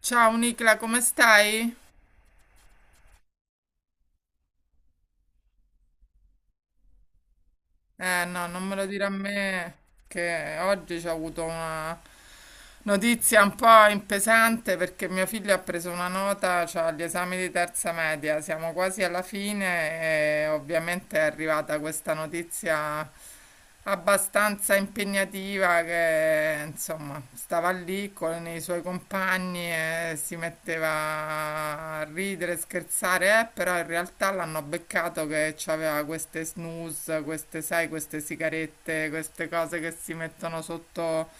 Ciao Nicla, come stai? Eh no, non me lo dire a me che oggi c'ho avuto una, notizia un po' impesante perché mio figlio ha preso una nota, cioè agli esami di terza media, siamo quasi alla fine e ovviamente è arrivata questa notizia abbastanza impegnativa che insomma stava lì con i suoi compagni e si metteva a ridere, scherzare, però in realtà l'hanno beccato che aveva queste snus, queste, sai, queste sigarette, queste cose che si mettono sotto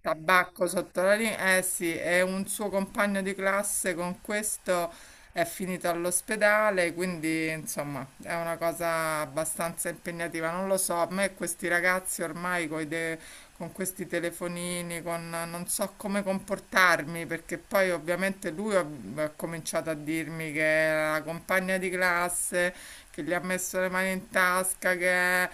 tabacco sotto la linea, eh sì, è un suo compagno di classe con questo è finito all'ospedale, quindi insomma è una cosa abbastanza impegnativa. Non lo so, a me questi ragazzi ormai con questi telefonini, non so come comportarmi, perché poi ovviamente lui ha cominciato a dirmi che è la compagna di classe, che gli ha messo le mani in tasca, che è...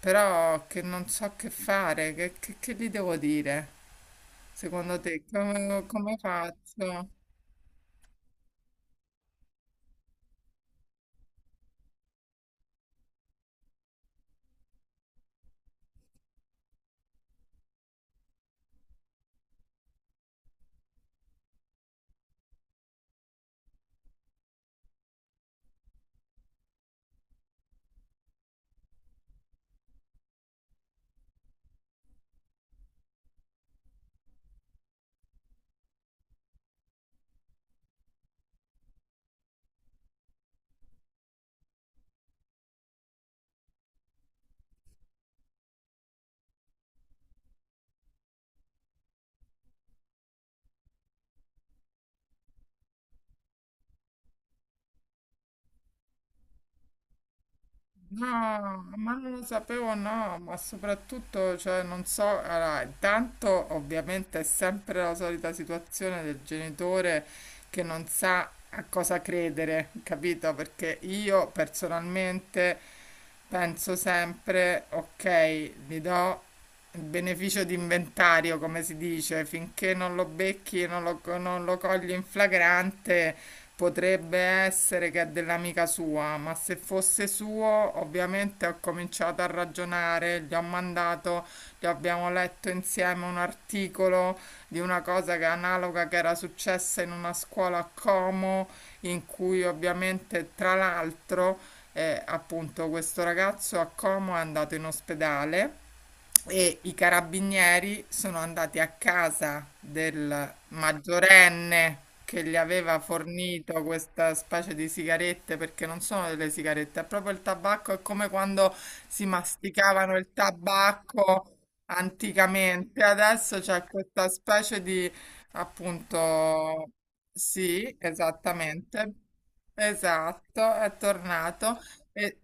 Però che non so che fare, che gli devo dire? Secondo te, come faccio? No, ma non lo sapevo, no, ma soprattutto, cioè, non so, allora, intanto ovviamente è sempre la solita situazione del genitore che non sa a cosa credere, capito? Perché io personalmente penso sempre, ok, gli do il beneficio di inventario, come si dice, finché non lo becchi, non lo cogli in flagrante. Potrebbe essere che è dell'amica sua, ma se fosse suo, ovviamente ho cominciato a ragionare, gli ho mandato, gli abbiamo letto insieme un articolo di una cosa che è analoga che era successa in una scuola a Como, in cui ovviamente tra l'altro appunto questo ragazzo a Como è andato in ospedale e i carabinieri sono andati a casa del maggiorenne che gli aveva fornito questa specie di sigarette, perché non sono delle sigarette, è proprio il tabacco, è come quando si masticavano il tabacco anticamente. Adesso c'è questa specie di, appunto, sì, esattamente, esatto, è tornato. E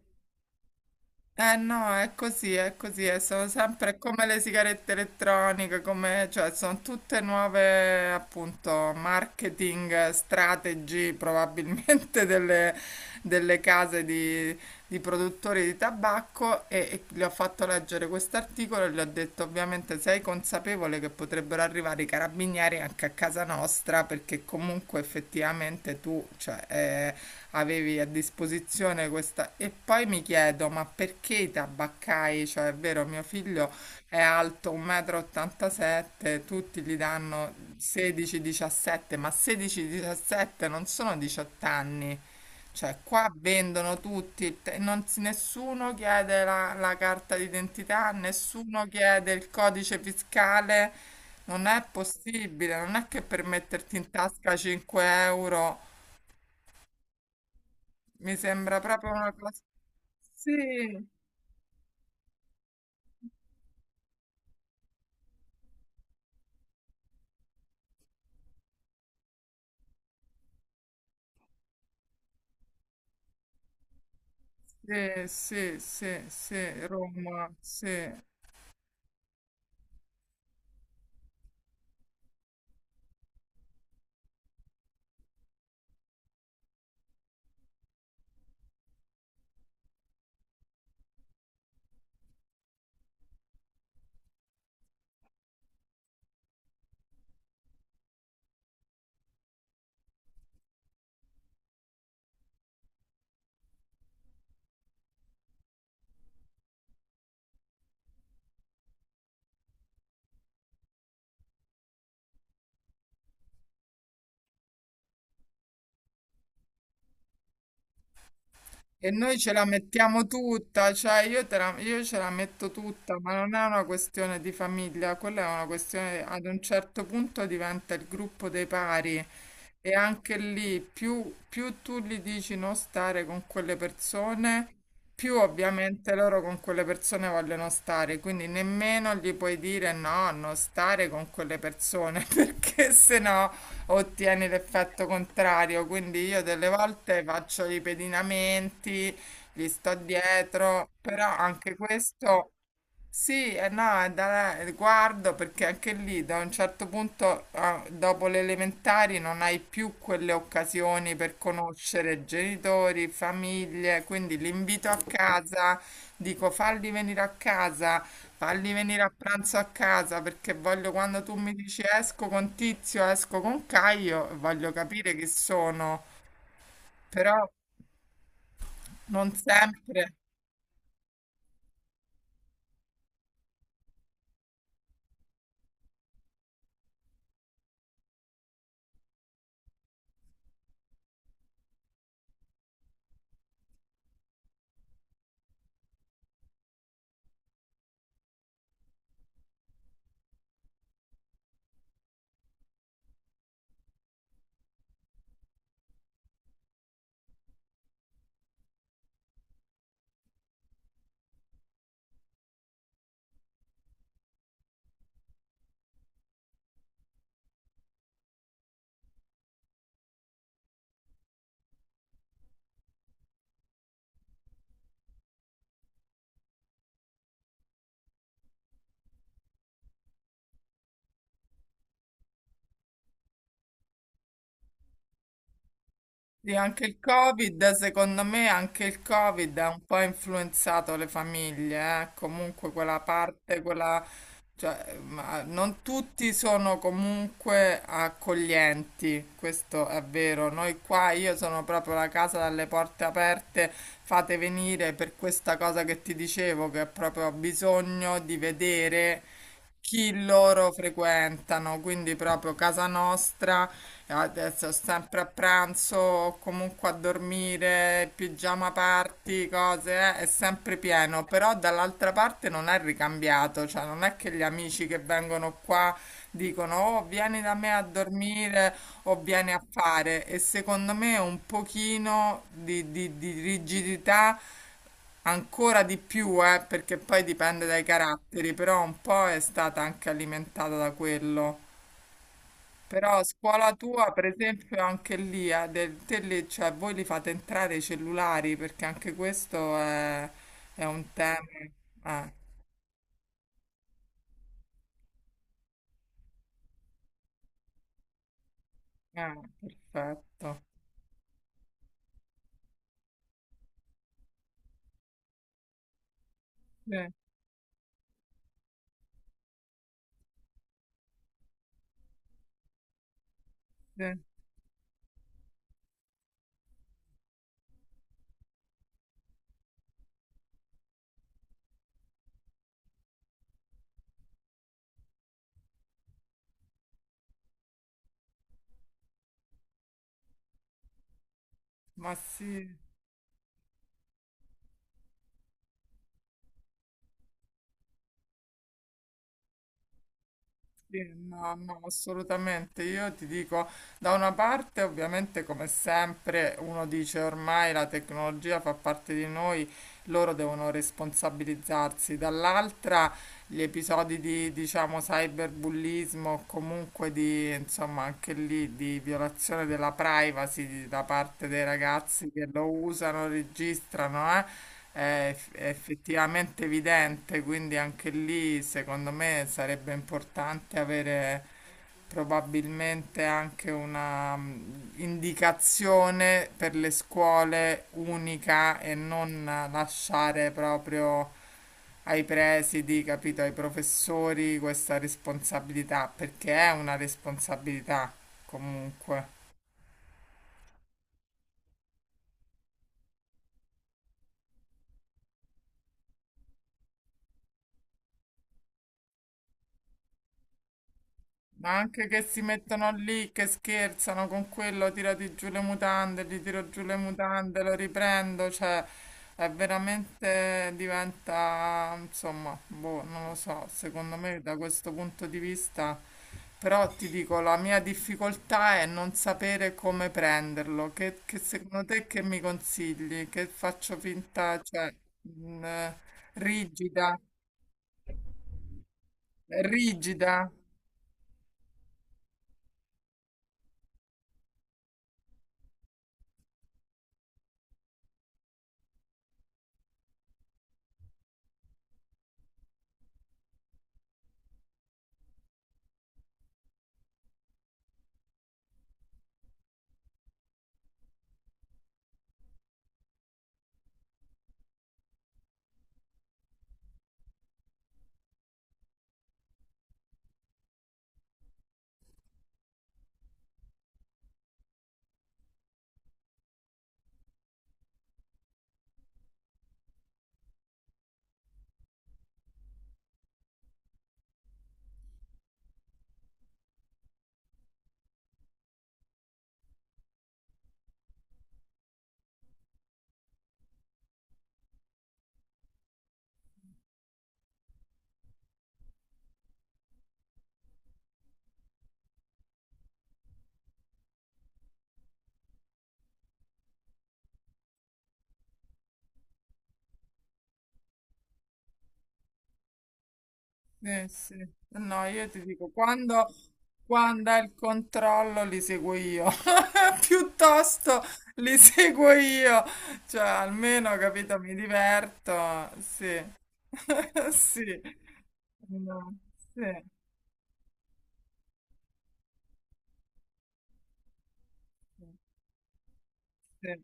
eh no, è così, e sono sempre come le sigarette elettroniche, cioè sono tutte nuove appunto marketing strategy probabilmente delle case di produttori di tabacco e gli ho fatto leggere quest'articolo e gli ho detto ovviamente sei consapevole che potrebbero arrivare i carabinieri anche a casa nostra perché comunque effettivamente tu cioè, avevi a disposizione questa... E poi mi chiedo ma perché i tabaccai, cioè è vero mio figlio è alto 1,87 m, tutti gli danno 16-17, ma 16-17 non sono 18 anni. Cioè, qua vendono tutti, te- non si- nessuno chiede la carta d'identità, nessuno chiede il codice fiscale. Non è possibile, non è che per metterti in tasca 5 euro mi sembra proprio una cosa... Sì, sì, sì, sì, sì, Roma, sì. E noi ce la mettiamo tutta, cioè io, io ce la metto tutta, ma non è una questione di famiglia, quella è una questione, ad un certo punto diventa il gruppo dei pari e anche lì più tu gli dici non stare con quelle persone, più ovviamente loro con quelle persone vogliono stare, quindi nemmeno gli puoi dire no, non stare con quelle persone, perché se no ottieni l'effetto contrario. Quindi io delle volte faccio i pedinamenti, gli sto dietro, però anche questo sì, e no, guardo perché anche lì da un certo punto, dopo le elementari, non hai più quelle occasioni per conoscere genitori, famiglie, quindi l'invito a casa, dico falli venire a casa. Falli venire a pranzo a casa perché voglio quando tu mi dici esco con Tizio, esco con Caio, voglio capire chi sono, però non sempre. Sì, anche il Covid, secondo me, anche il Covid ha un po' influenzato le famiglie, eh. Comunque quella parte, quella, cioè, ma non tutti sono comunque accoglienti, questo è vero. Noi qua, io sono proprio la casa dalle porte aperte, fate venire per questa cosa che ti dicevo, che è proprio ho bisogno di vedere chi loro frequentano, quindi proprio casa nostra. Adesso sempre a pranzo, o comunque a dormire, pigiama party, cose, è sempre pieno, però dall'altra parte non è ricambiato, cioè non è che gli amici che vengono qua dicono oh vieni da me a dormire o vieni a fare e secondo me un pochino di, di rigidità ancora di più, perché poi dipende dai caratteri, però un po' è stata anche alimentata da quello. Però a scuola tua, per esempio, anche lì, te lì, cioè, voi li fate entrare i cellulari, perché anche questo è un tema. Eh, eh, perfetto. Sì, sì, ma sì. Sì, no, no, assolutamente. Io ti dico, da una parte, ovviamente, come sempre, uno dice ormai la tecnologia fa parte di noi, loro devono responsabilizzarsi. Dall'altra, gli episodi di, diciamo, cyberbullismo, o comunque di, insomma, anche lì di violazione della privacy da parte dei ragazzi che lo usano, registrano, è effettivamente evidente, quindi anche lì secondo me sarebbe importante avere probabilmente anche una indicazione per le scuole unica e non lasciare proprio ai presidi, capito, ai professori questa responsabilità, perché è una responsabilità comunque. Ma anche che si mettono lì, che scherzano con quello, tirati giù le mutande, gli tiro giù le mutande, lo riprendo, cioè è veramente diventa, insomma, boh, non lo so, secondo me da questo punto di vista, però ti dico, la mia difficoltà è non sapere come prenderlo, che secondo te che mi consigli? Che faccio finta, cioè, mh, eh, rigida, rigida? Sì. Eh no, io ti dico, quando è il controllo li seguo io, piuttosto li seguo io, cioè almeno, capito, mi diverto, sì, sì, no, sì, sì.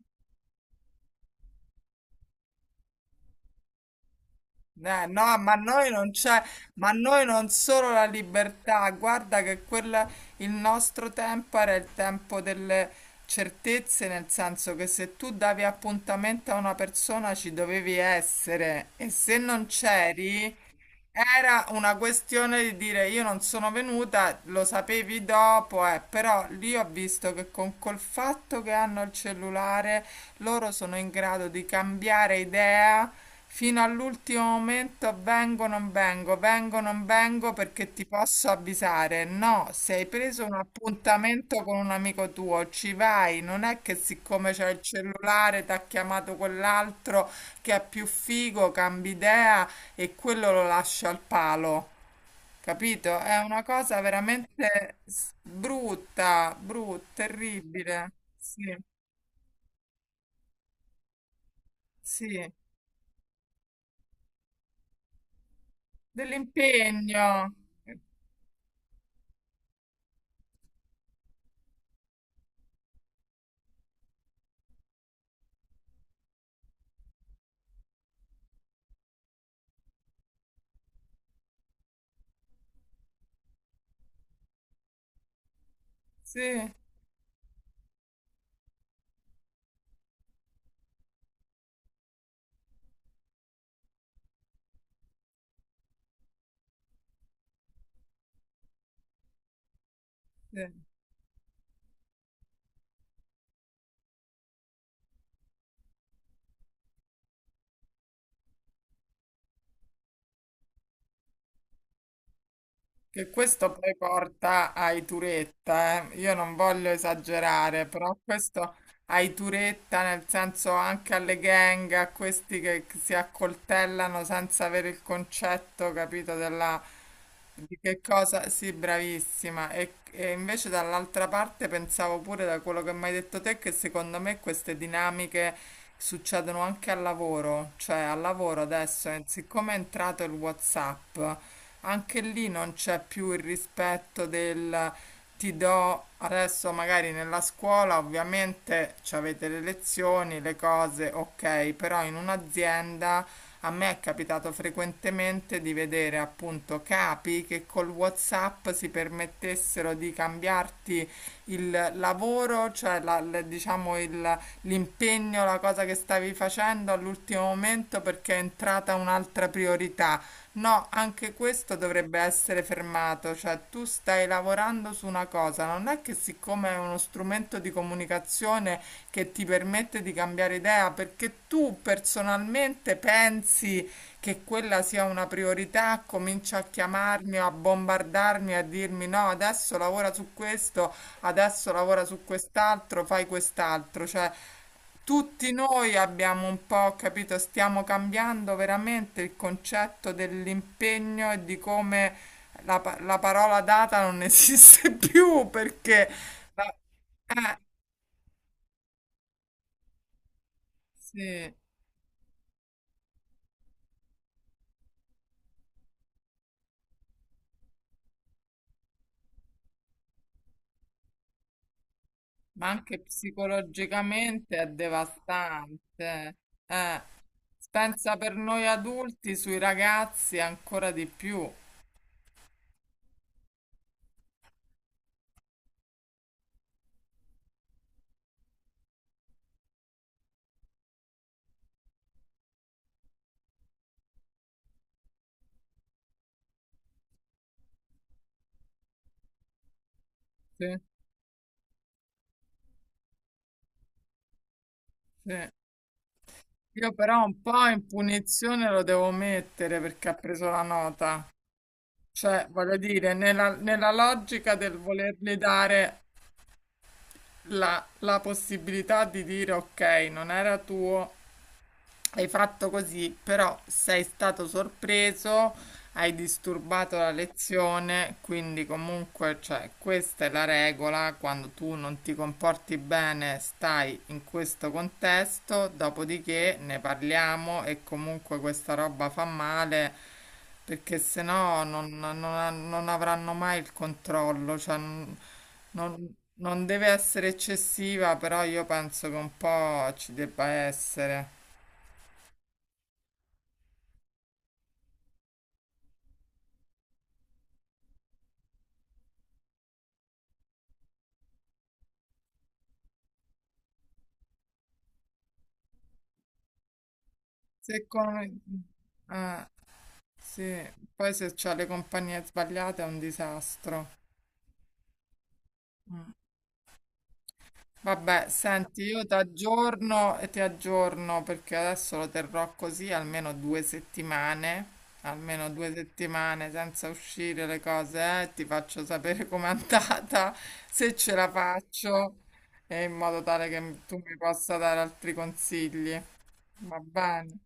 No, ma noi non c'è, ma noi non solo la libertà, guarda che quella, il nostro tempo era il tempo delle certezze, nel senso che se tu davi appuntamento a una persona ci dovevi essere e se non c'eri, era una questione di dire io non sono venuta, lo sapevi dopo, però lì ho visto che con col fatto che hanno il cellulare loro sono in grado di cambiare idea fino all'ultimo momento, vengo, non vengo perché ti posso avvisare. No, se hai preso un appuntamento con un amico tuo, ci vai, non è che siccome c'è il cellulare ti ha chiamato quell'altro che è più figo, cambi idea e quello lo lascia al palo. Capito? È una cosa veramente brutta, brutta, terribile. Sì, sì. Dell'impegno. Sì, sì. Che questo poi porta ai Turetta, eh. Io non voglio esagerare, però questo ai Turetta, nel senso anche alle gang, a questi che si accoltellano senza avere il concetto, capito, della. Di che cosa? Sì, bravissima. E invece dall'altra parte pensavo pure da quello che mi hai detto te che secondo me queste dinamiche succedono anche al lavoro, cioè al lavoro adesso, siccome è entrato il WhatsApp, anche lì non c'è più il rispetto del ti do adesso magari nella scuola, ovviamente ci avete le lezioni, le cose, ok, però in un'azienda a me è capitato frequentemente di vedere appunto capi che col WhatsApp si permettessero di cambiarti il lavoro, cioè diciamo l'impegno, la cosa che stavi facendo all'ultimo momento perché è entrata un'altra priorità. No, anche questo dovrebbe essere fermato, cioè tu stai lavorando su una cosa, non è che siccome è uno strumento di comunicazione che ti permette di cambiare idea, perché tu personalmente pensi che quella sia una priorità, comincia a chiamarmi, a bombardarmi, a dirmi no, adesso lavora su questo, adesso lavora su quest'altro, fai quest'altro. Cioè, tutti noi abbiamo un po', capito, stiamo cambiando veramente il concetto dell'impegno e di come la, la parola data non esiste più perché... la- eh, sì. Ma anche psicologicamente è devastante. Eh, pensa per noi adulti, sui ragazzi ancora di più. Sì, sì. Io però un po' in punizione lo devo mettere perché ha preso la nota. Cioè, voglio dire, nella logica del volergli dare la possibilità di dire ok, non era tuo, hai fatto così, però sei stato sorpreso, hai disturbato la lezione, quindi comunque, cioè, questa è la regola, quando tu non ti comporti bene, stai in questo contesto, dopodiché ne parliamo e comunque questa roba fa male, perché sennò non avranno mai il controllo, cioè, non deve essere eccessiva, però io penso che un po' ci debba essere. Se come... Eh, sì, poi se c'ha le compagnie sbagliate è un disastro. Mm. Vabbè, senti, io ti aggiorno e ti aggiorno perché adesso lo terrò così almeno 2 settimane, almeno due settimane senza uscire le cose, ti faccio sapere com'è andata, se ce la faccio, e in modo tale che tu mi possa dare altri consigli. Va bene?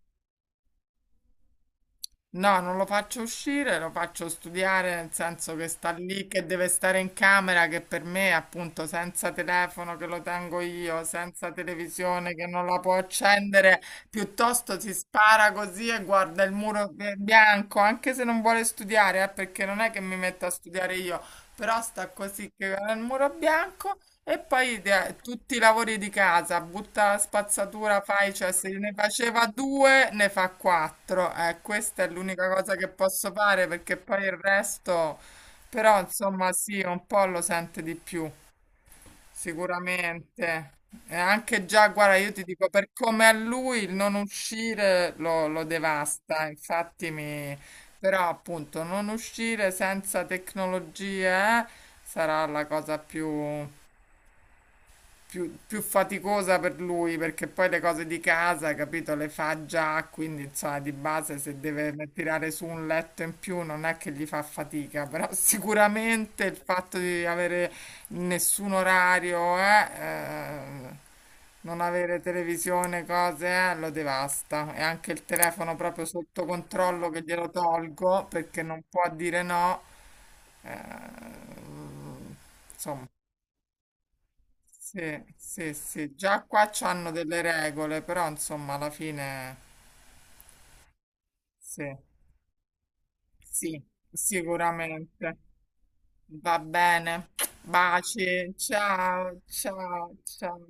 No, non lo faccio uscire, lo faccio studiare, nel senso che sta lì, che deve stare in camera, che per me, appunto, senza telefono che lo tengo io, senza televisione che non la può accendere, piuttosto si spara così e guarda il muro bianco, anche se non vuole studiare, perché non è che mi metto a studiare io, però sta così che guarda il muro bianco e poi tutti i lavori di casa, butta la spazzatura, fai, cioè se ne faceva due, ne fa quattro. Questa è l'unica cosa che posso fare perché poi il resto, però insomma sì, un po' lo sente di più, sicuramente. E anche già, guarda, io ti dico, per come a lui il non uscire lo devasta, infatti mi... Però appunto non uscire senza tecnologie eh, sarà la cosa più più faticosa per lui perché poi le cose di casa, capito, le fa già, quindi insomma di base se deve tirare su un letto in più non è che gli fa fatica, però sicuramente il fatto di avere nessun orario, non avere televisione, cose, lo devasta e anche il telefono proprio sotto controllo che glielo tolgo perché non può dire no, eh, insomma. Sì, sì, sì, già qua c'hanno delle regole, però insomma alla fine sì, sì, sicuramente. Va bene. Baci, ciao, ciao, ciao.